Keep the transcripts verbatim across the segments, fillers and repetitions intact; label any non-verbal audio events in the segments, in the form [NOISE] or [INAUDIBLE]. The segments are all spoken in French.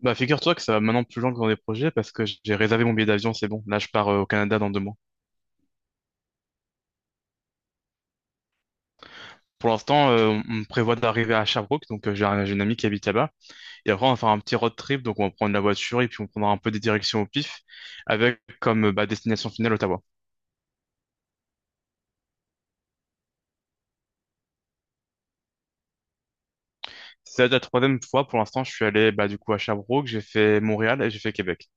Bah, figure-toi que ça va maintenant plus loin que dans des projets parce que j'ai réservé mon billet d'avion, c'est bon. Là, je pars euh, au Canada dans deux mois. Pour l'instant, euh, on on prévoit d'arriver à Sherbrooke, donc euh, j'ai un- j'ai une amie qui habite là-bas. Et après, on va faire un petit road trip, donc on va prendre la voiture et puis on prendra un peu des directions au pif avec comme euh, bah, destination finale Ottawa. C'est la troisième fois pour l'instant, je suis allé bah, du coup à Sherbrooke, j'ai fait Montréal et j'ai fait Québec.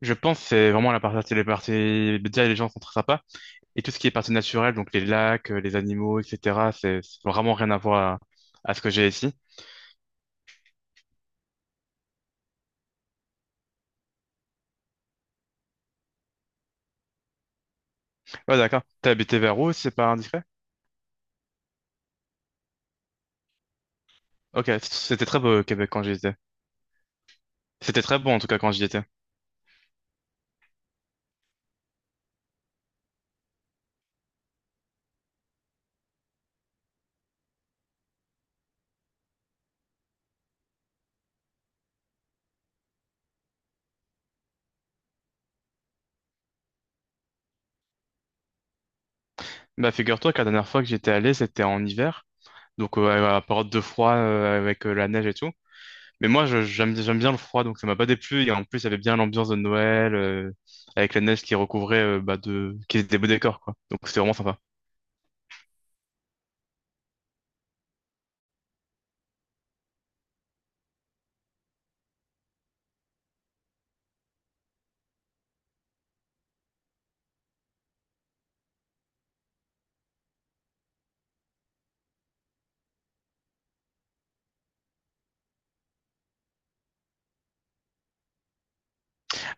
Je pense que c'est vraiment la partie, les parties, déjà les gens sont très sympas et tout ce qui est partie naturelle, donc les lacs, euh, les animaux, et cetera, c'est c'est vraiment rien à voir à à ce que j'ai ici. Ouais, d'accord. T'as habité vers où, si c'est pas indiscret? Ok, c- c'était très beau au Québec quand j'y étais. C'était très beau en tout cas quand j'y étais. Bah figure-toi que la dernière fois que j'étais allé, c'était en hiver, donc euh, à la période de froid euh, avec euh, la neige et tout. Mais moi, je- j'aime j'aime bien le froid, donc ça m'a pas déplu. Et en plus, il y avait bien l'ambiance de Noël euh, avec la neige qui recouvrait euh, bah, de qui était des beaux décors quoi. Donc c'était vraiment sympa.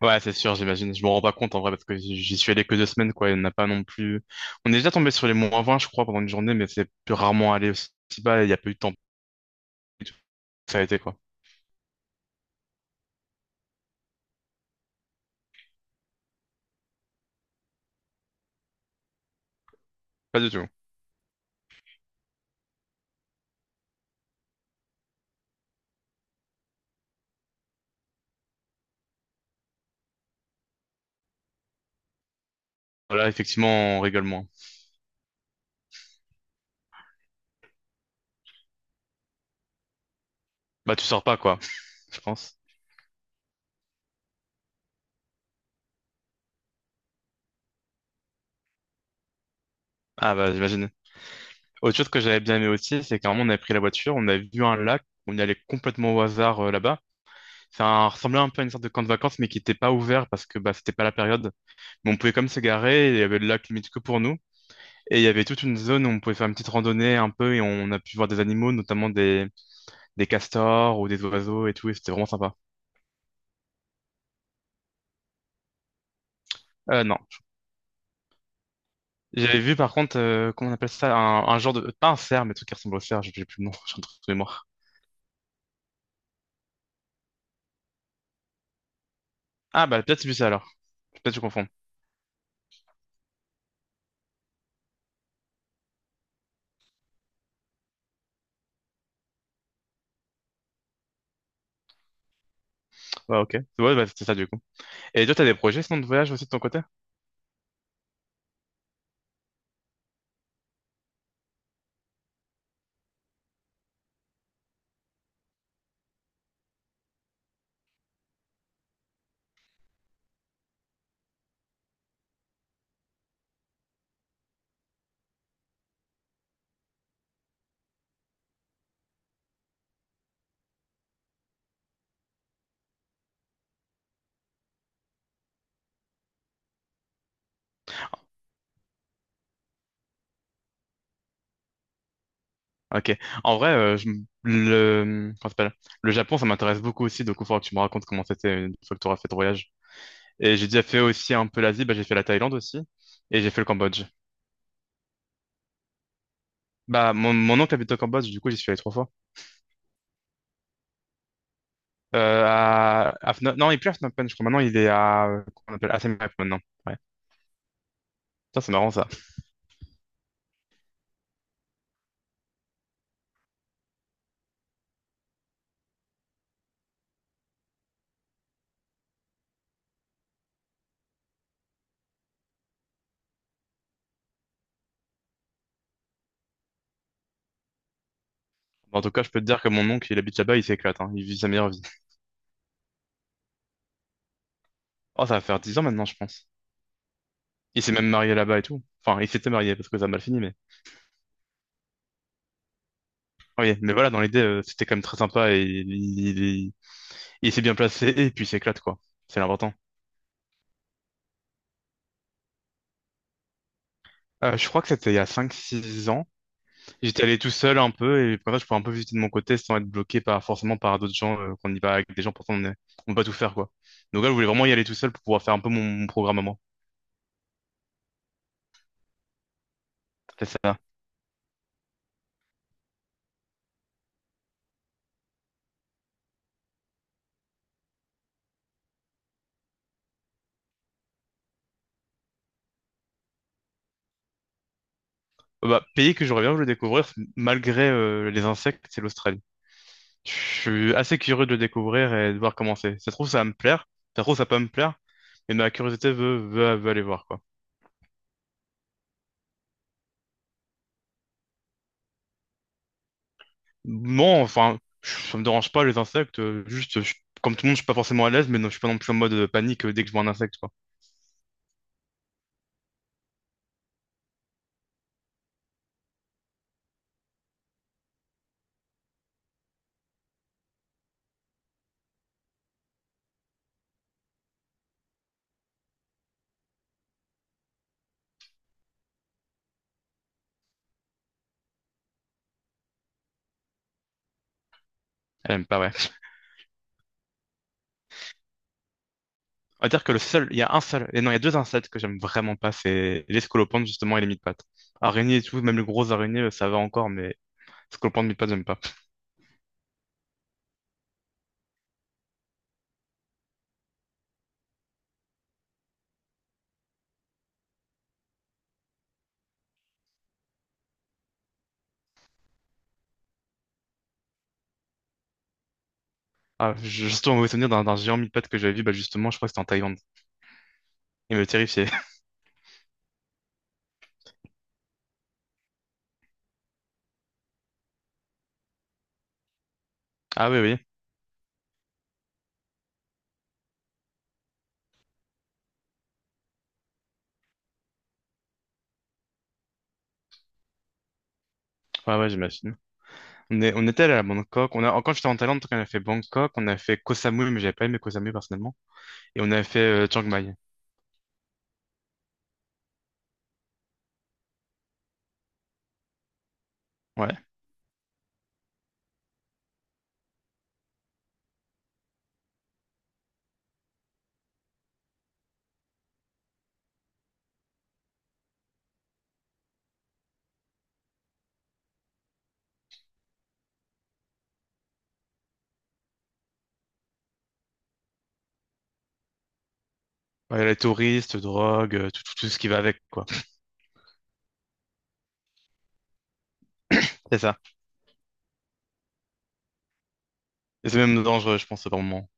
Ouais, c'est sûr, j'imagine. Je me rends pas compte en vrai parce que j'y suis allé que deux semaines, quoi. Il n'y en a pas non plus. On est déjà tombé sur les moins vingt, je crois, pendant une journée, mais c'est plus rarement allé aussi bas et il n'y a pas eu de temps. Ça a été, quoi. Pas du tout. Voilà, effectivement, on rigole moins. Bah, tu sors pas, quoi, [LAUGHS] je pense. Ah, bah, j'imagine. Autre chose que j'avais bien aimé aussi, c'est qu'à un moment, on avait pris la voiture, on a vu un lac, on y allait complètement au hasard euh, là-bas. Ça ressemblait un peu à une sorte de camp de vacances, mais qui n'était pas ouvert parce que bah, c'était pas la période. Mais on pouvait comme se garer, et il y avait le lac limite que pour nous. Et il y avait toute une zone où on pouvait faire une petite randonnée un peu et on a pu voir des animaux, notamment des, des castors ou des oiseaux et tout, et c'était vraiment sympa. Euh, non. J'avais vu par contre, euh, comment on appelle ça, un, un genre de... Pas un cerf, mais un truc qui ressemble au cerf, j'ai j'ai plus le nom, [LAUGHS] j'ai un truc de mémoire. Ah bah peut-être c'est ça alors, peut-être je confonds. Ouais ok, ouais bah, c'est ça du coup. Et toi t'as des projets sinon de voyage aussi de ton côté? Ok, en vrai, euh, je m- le... comment ça s'appelle. Le Japon ça m'intéresse beaucoup aussi, donc il faudra que tu me racontes comment c'était une fois que tu auras fait ton voyage. Et j'ai déjà fait aussi un peu l'Asie, bah j'ai fait la Thaïlande aussi, et j'ai fait le Cambodge. Bah, mon, mon oncle habite au Cambodge, du coup, j'y suis allé trois fois. Euh, à, à Phnom- non, il est plus à Phnom Penh, je crois. Maintenant, il est à, euh, qu'on appelle à Siem Reap maintenant. Ouais. Ça, c'est marrant, ça. Bon, en tout cas, je peux te dire que mon oncle, il habite là-bas, il s'éclate, hein. Il vit sa meilleure vie. Oh, ça va faire dix ans maintenant, je pense. Il s'est même marié là-bas et tout. Enfin, il s'était marié parce que ça a mal fini, mais. Oui, mais voilà, dans l'idée, euh, c'était quand même très sympa et il, il- il s'est bien placé et puis il s'éclate, quoi. C'est l'important. Euh, je crois que c'était il y a cinq, six ans. J'étais allé tout seul un peu et pour ça, je pouvais un peu visiter de mon côté sans être bloqué par, forcément par d'autres gens, euh, qu'on y va avec des gens, pourtant on ne peut pas tout faire, quoi. Donc là, je voulais vraiment y aller tout seul pour pouvoir faire un peu mon, mon programme à moi. C'est ça. Euh, Bah, pays que j'aurais bien voulu découvrir, c'est- malgré euh, les insectes, c'est l'Australie. Je suis assez curieux de le découvrir et de voir comment c'est. Ça se trouve, ça va me plaire. Ça se trouve, ça peut me plaire. Mais ma curiosité veut, veut, veut aller voir, quoi. Non, enfin, je- ça me dérange pas les insectes. euh, Juste, je- comme tout le monde, je suis pas forcément à l'aise, mais non, je suis pas non plus en mode euh, panique euh, dès que je vois un insecte, quoi. Elle aime pas, ouais. On va dire que le seul, il y a un seul, et non, il y a deux insectes que j'aime vraiment pas, c'est les scolopendres, justement, et les mille-pattes. Araignées et tout, même les grosses araignées, euh, ça va encore, mais Skopant mi pas. Ah, j'ai surtout un mauvais souvenir d'un d'un géant mi-pattes que j'avais vu, bah justement, je crois que c'était en Thaïlande. Il me terrifiait. [LAUGHS] Ah oui, oui. Ouais, ouais, j'imagine. On est, on était allé à Bangkok. On a, quand j'étais en Thaïlande, on a fait Bangkok, on a fait Koh Samui, mais j'avais pas aimé Koh Samui personnellement. Et on a fait euh, Chiang Mai. Ouais. Ouais, les touristes, drogue, euh, tout, tout, tout ce qui va avec, quoi. C'est ça. Et c'est même dangereux, je pense, par moment.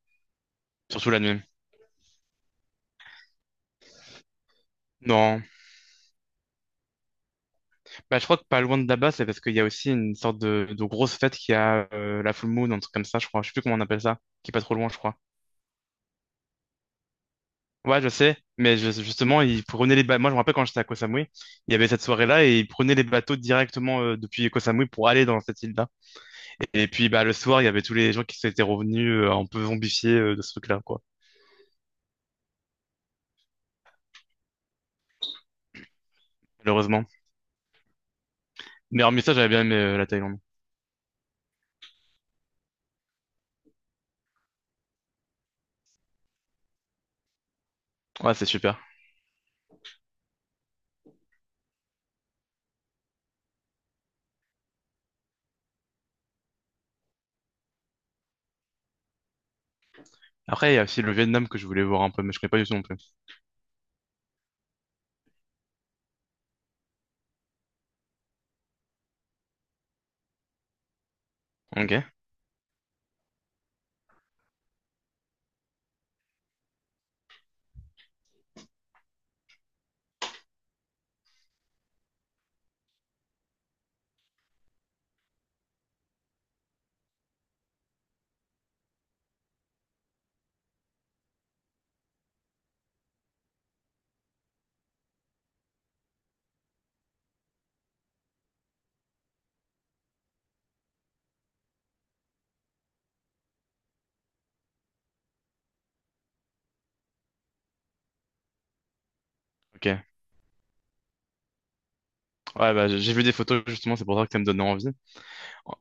Surtout la nuit. Non. Bah, je crois que pas loin de là-bas, c'est parce qu'il y a aussi une sorte de, de grosse fête qui a euh, la full moon, un truc comme ça, je crois. Je sais plus comment on appelle ça, qui est pas trop loin, je crois. Ouais, je sais, mais je- justement, ils prenaient les bateaux. Moi, je me rappelle quand j'étais à Koh Samui, il y avait cette soirée-là et ils prenaient les bateaux directement euh, depuis Koh Samui pour aller dans cette île-là. Et puis, bah, le soir, il y avait tous les gens qui s'étaient revenus euh, un peu zombifiés euh, de ce truc-là, quoi. Malheureusement. Mais hormis ça, j'avais bien aimé euh, la Thaïlande. Ouais, c'est super. Après, il y a aussi le Vietnam que je voulais voir un peu, mais je connais pas du tout non plus. Ok, ok. Ouais, bah, j'ai j'ai vu des photos, justement, c'est pour ça que ça me donnait envie. Ouais.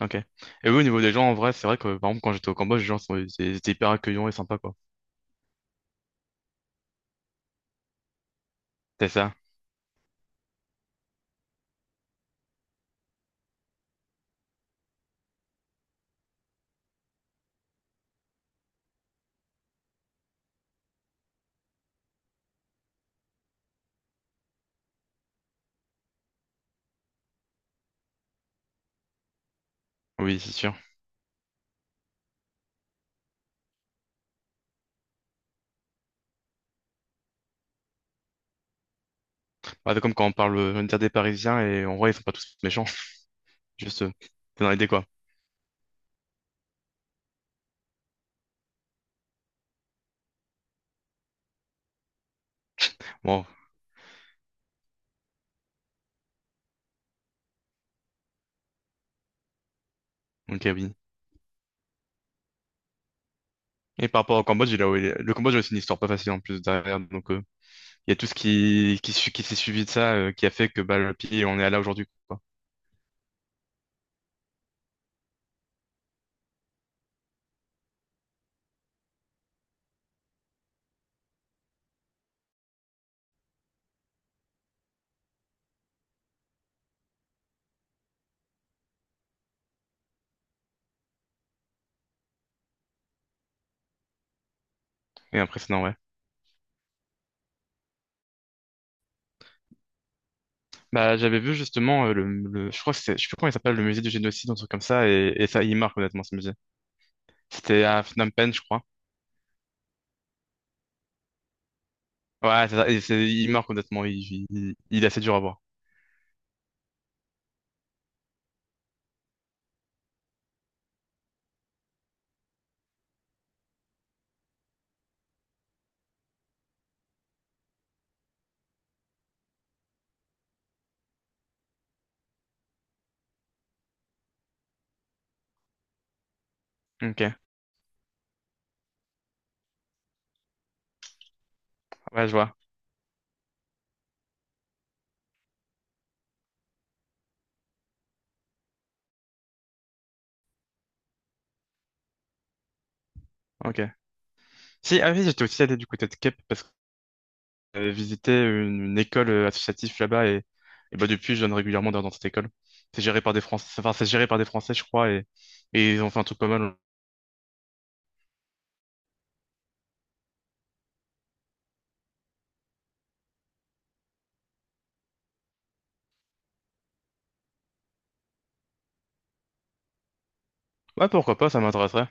Ok. Et oui, au niveau des gens, en vrai, c'est vrai que, par exemple, quand j'étais au Cambodge, les gens sont, ils étaient hyper accueillants et sympas, quoi. C'est ça? Oui, c'est sûr. Bah, c'est comme quand on parle, euh, on va des Parisiens et en vrai, ils sont pas tous méchants. [LAUGHS] Juste, euh, c'est dans l'idée, quoi. Bon, ok, oui. Et par rapport au Cambodge, il a, le Cambodge, c'est une histoire pas facile en plus derrière, donc, euh, il y a tout ce qui, qui, su- qui s'est suivi de ça, euh, qui a fait que bah, le pied, on est là aujourd'hui, quoi. Et impressionnant, ouais. Bah, j'avais vu justement euh, le, le- je crois que c'est, je sais plus comment il s'appelle, le musée du génocide, un truc comme ça, et, et ça, il marque honnêtement ce musée. C'était à Phnom Penh, je crois. Ouais, c'est ça, et c'est, il marque honnêtement, il, il, il est assez dur à voir. Ok, ouais, je vois. Ok. Si, ah oui, j'étais aussi allé du côté de Cape parce que j'avais visité une, une école euh, associative là-bas et, et bah depuis, je donne régulièrement dans, dans cette école. C'est géré par des Français, enfin, c'est géré par des Français, je crois, et, et ils ont fait un truc pas mal. Ouais, pourquoi pas, ça m'intéresserait.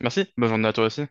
Merci, bonne journée à toi aussi.